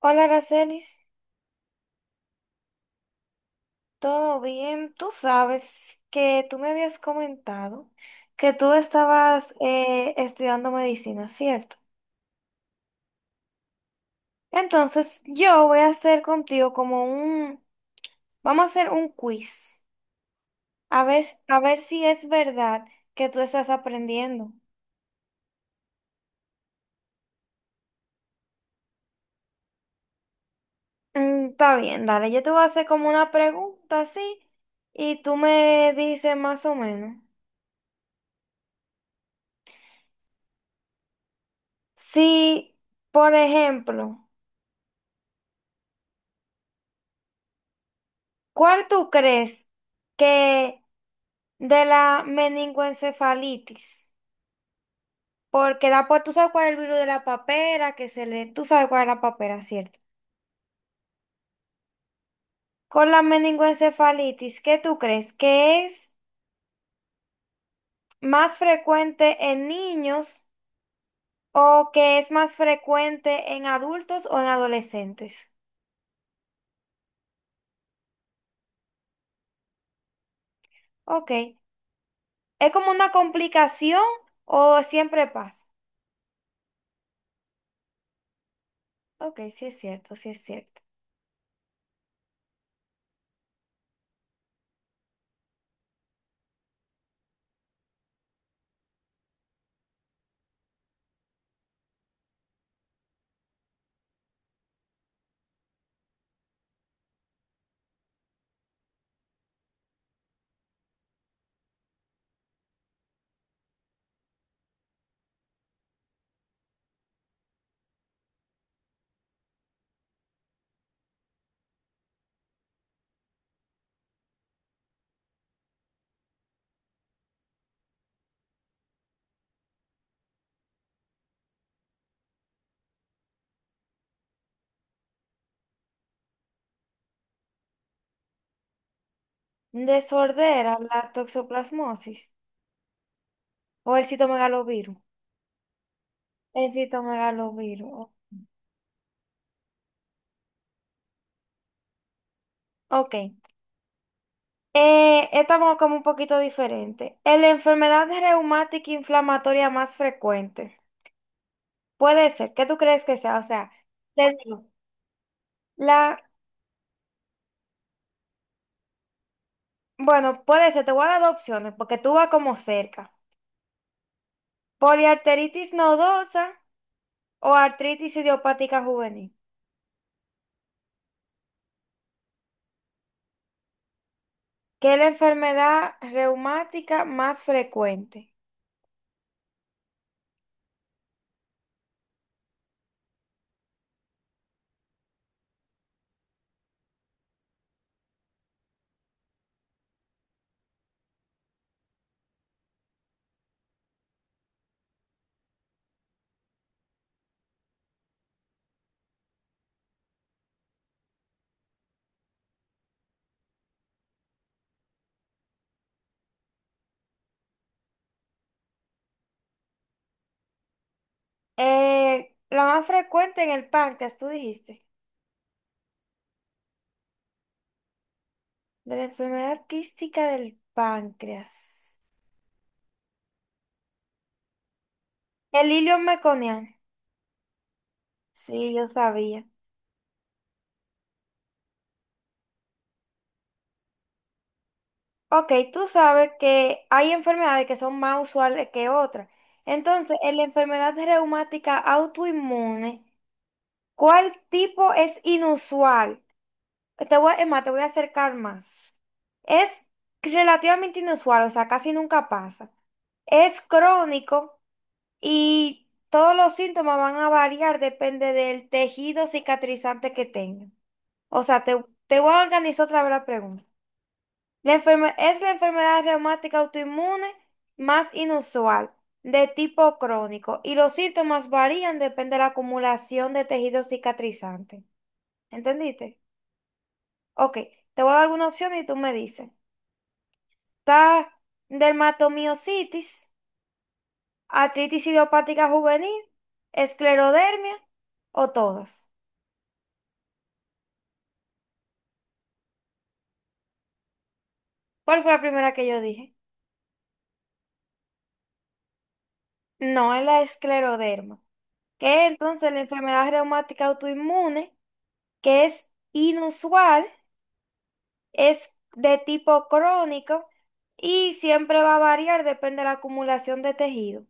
Hola, Aracelis, ¿todo bien? Tú sabes que tú me habías comentado que tú estabas estudiando medicina, ¿cierto? Entonces, yo voy a hacer contigo vamos a hacer un quiz, a ver si es verdad que tú estás aprendiendo. Mm, está bien, dale, yo te voy a hacer como una pregunta así y tú me dices más o menos. Si, por ejemplo, ¿cuál tú crees que... de la meningoencefalitis, porque tú sabes cuál es el virus de la papera, tú sabes cuál es la papera, ¿cierto? Con la meningoencefalitis, ¿qué tú crees? ¿Que es más frecuente en niños o que es más frecuente en adultos o en adolescentes? Ok. ¿Es como una complicación o siempre pasa? Ok, sí es cierto, sí es cierto. Desordera la toxoplasmosis o el citomegalovirus. El citomegalovirus. Ok. Ok. Esta va como un poquito diferente. Es la enfermedad reumática inflamatoria más frecuente. Puede ser. ¿Qué tú crees que sea? O sea, te digo, la, bueno, puede ser. Te voy a dar dos opciones porque tú vas como cerca. Poliarteritis nodosa o artritis idiopática juvenil, que es la enfermedad reumática más frecuente. La más frecuente en el páncreas, tú dijiste. De la enfermedad quística del páncreas. El hilo meconiano. Sí, yo sabía. Ok, tú sabes que hay enfermedades que son más usuales que otras. Entonces, en la enfermedad reumática autoinmune, ¿cuál tipo es inusual? Es más, te voy a acercar más. Es relativamente inusual, o sea, casi nunca pasa. Es crónico y todos los síntomas van a variar, depende del tejido cicatrizante que tenga. O sea, te voy a organizar otra vez la pregunta. Es la enfermedad reumática autoinmune más inusual, de tipo crónico, y los síntomas varían depende de la acumulación de tejido cicatrizante. ¿Entendiste? Ok, te voy a dar alguna opción y tú me dices. Está dermatomiositis, artritis idiopática juvenil, esclerodermia o todas. ¿Cuál fue la primera que yo dije? No, es la escleroderma, que es entonces la enfermedad reumática autoinmune, que es inusual. Es de tipo crónico y siempre va a variar, depende de la acumulación de tejido.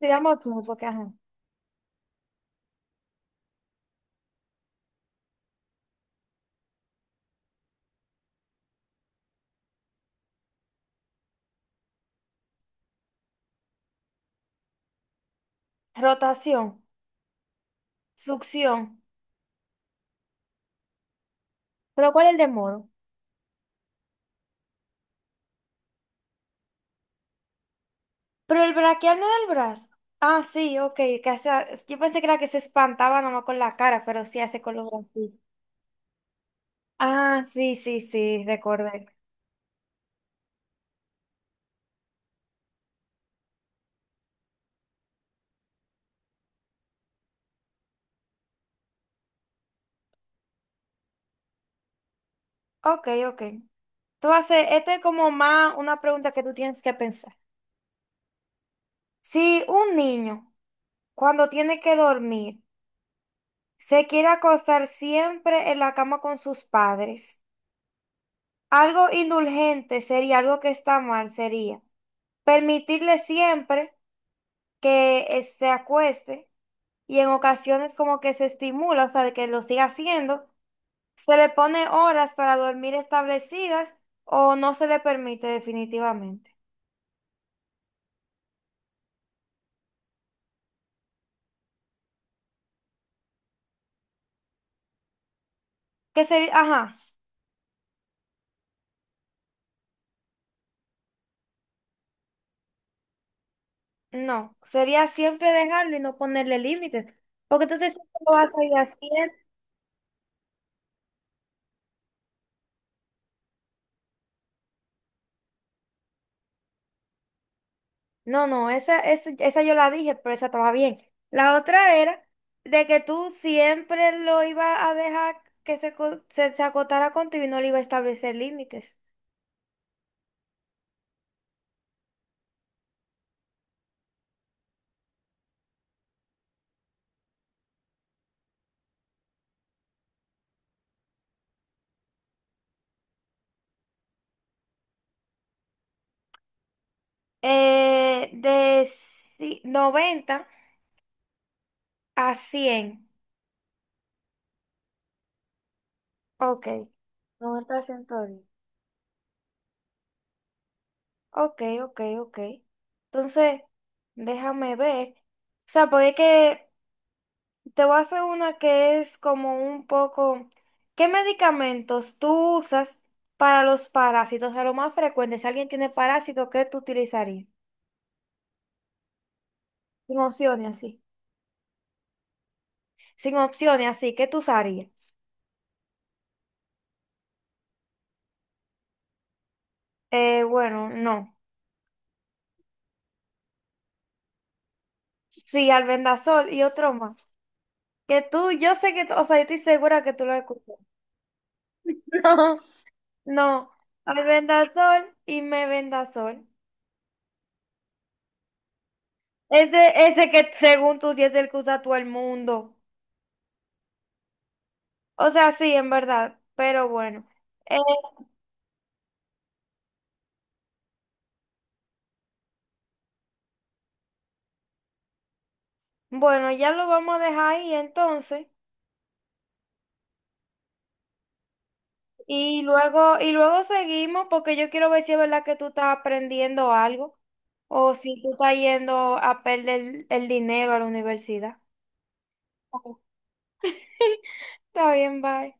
Digamos tú, porque ajá. Rotación, succión. ¿Pero cuál es el de modo? Pero el braquial no del brazo. Ah, sí, ok. que hace- yo pensé que era que se espantaba nomás con la cara, pero sí hace con los brazos. Ah, sí, sí, sí, recordé. Ok, ok. Tú haces, este es como más una pregunta que tú tienes que pensar. Si un niño, cuando tiene que dormir, se quiere acostar siempre en la cama con sus padres. Algo indulgente sería, algo que está mal sería permitirle siempre que se acueste y en ocasiones como que se estimula, o sea, de que lo siga haciendo, se le pone horas para dormir establecidas o no se le permite definitivamente. Que sería, ajá, no, sería siempre dejarlo y no ponerle límites, porque entonces siempre lo va a seguir haciendo. No, no, esa yo la dije, pero esa estaba bien. La otra era de que tú siempre lo ibas a dejar que se acotara contigo y no le iba a establecer límites. De 90 a 100. Ok. 90 a 110. Ok, ok, ok. Entonces, déjame ver. O sea, porque es que te voy a hacer una que es como un poco, ¿qué medicamentos tú usas para los parásitos? O sea, lo más frecuente, si alguien tiene parásito, ¿qué tú utilizarías? Sin opciones así. Sin opciones así, ¿qué tú usarías? Bueno, no. Sí, albendazol y otro más. Que yo sé que, o sea, yo estoy segura que tú lo escuchado. No, no. Albendazol y mebendazol. Ese que según tú sí es el que usa todo el mundo. O sea, sí, en verdad, pero bueno. Eh, bueno, ya lo vamos a dejar ahí entonces. Y luego seguimos porque yo quiero ver si es verdad que tú estás aprendiendo algo o si tú estás yendo a perder el dinero a la universidad. Está bien, bye.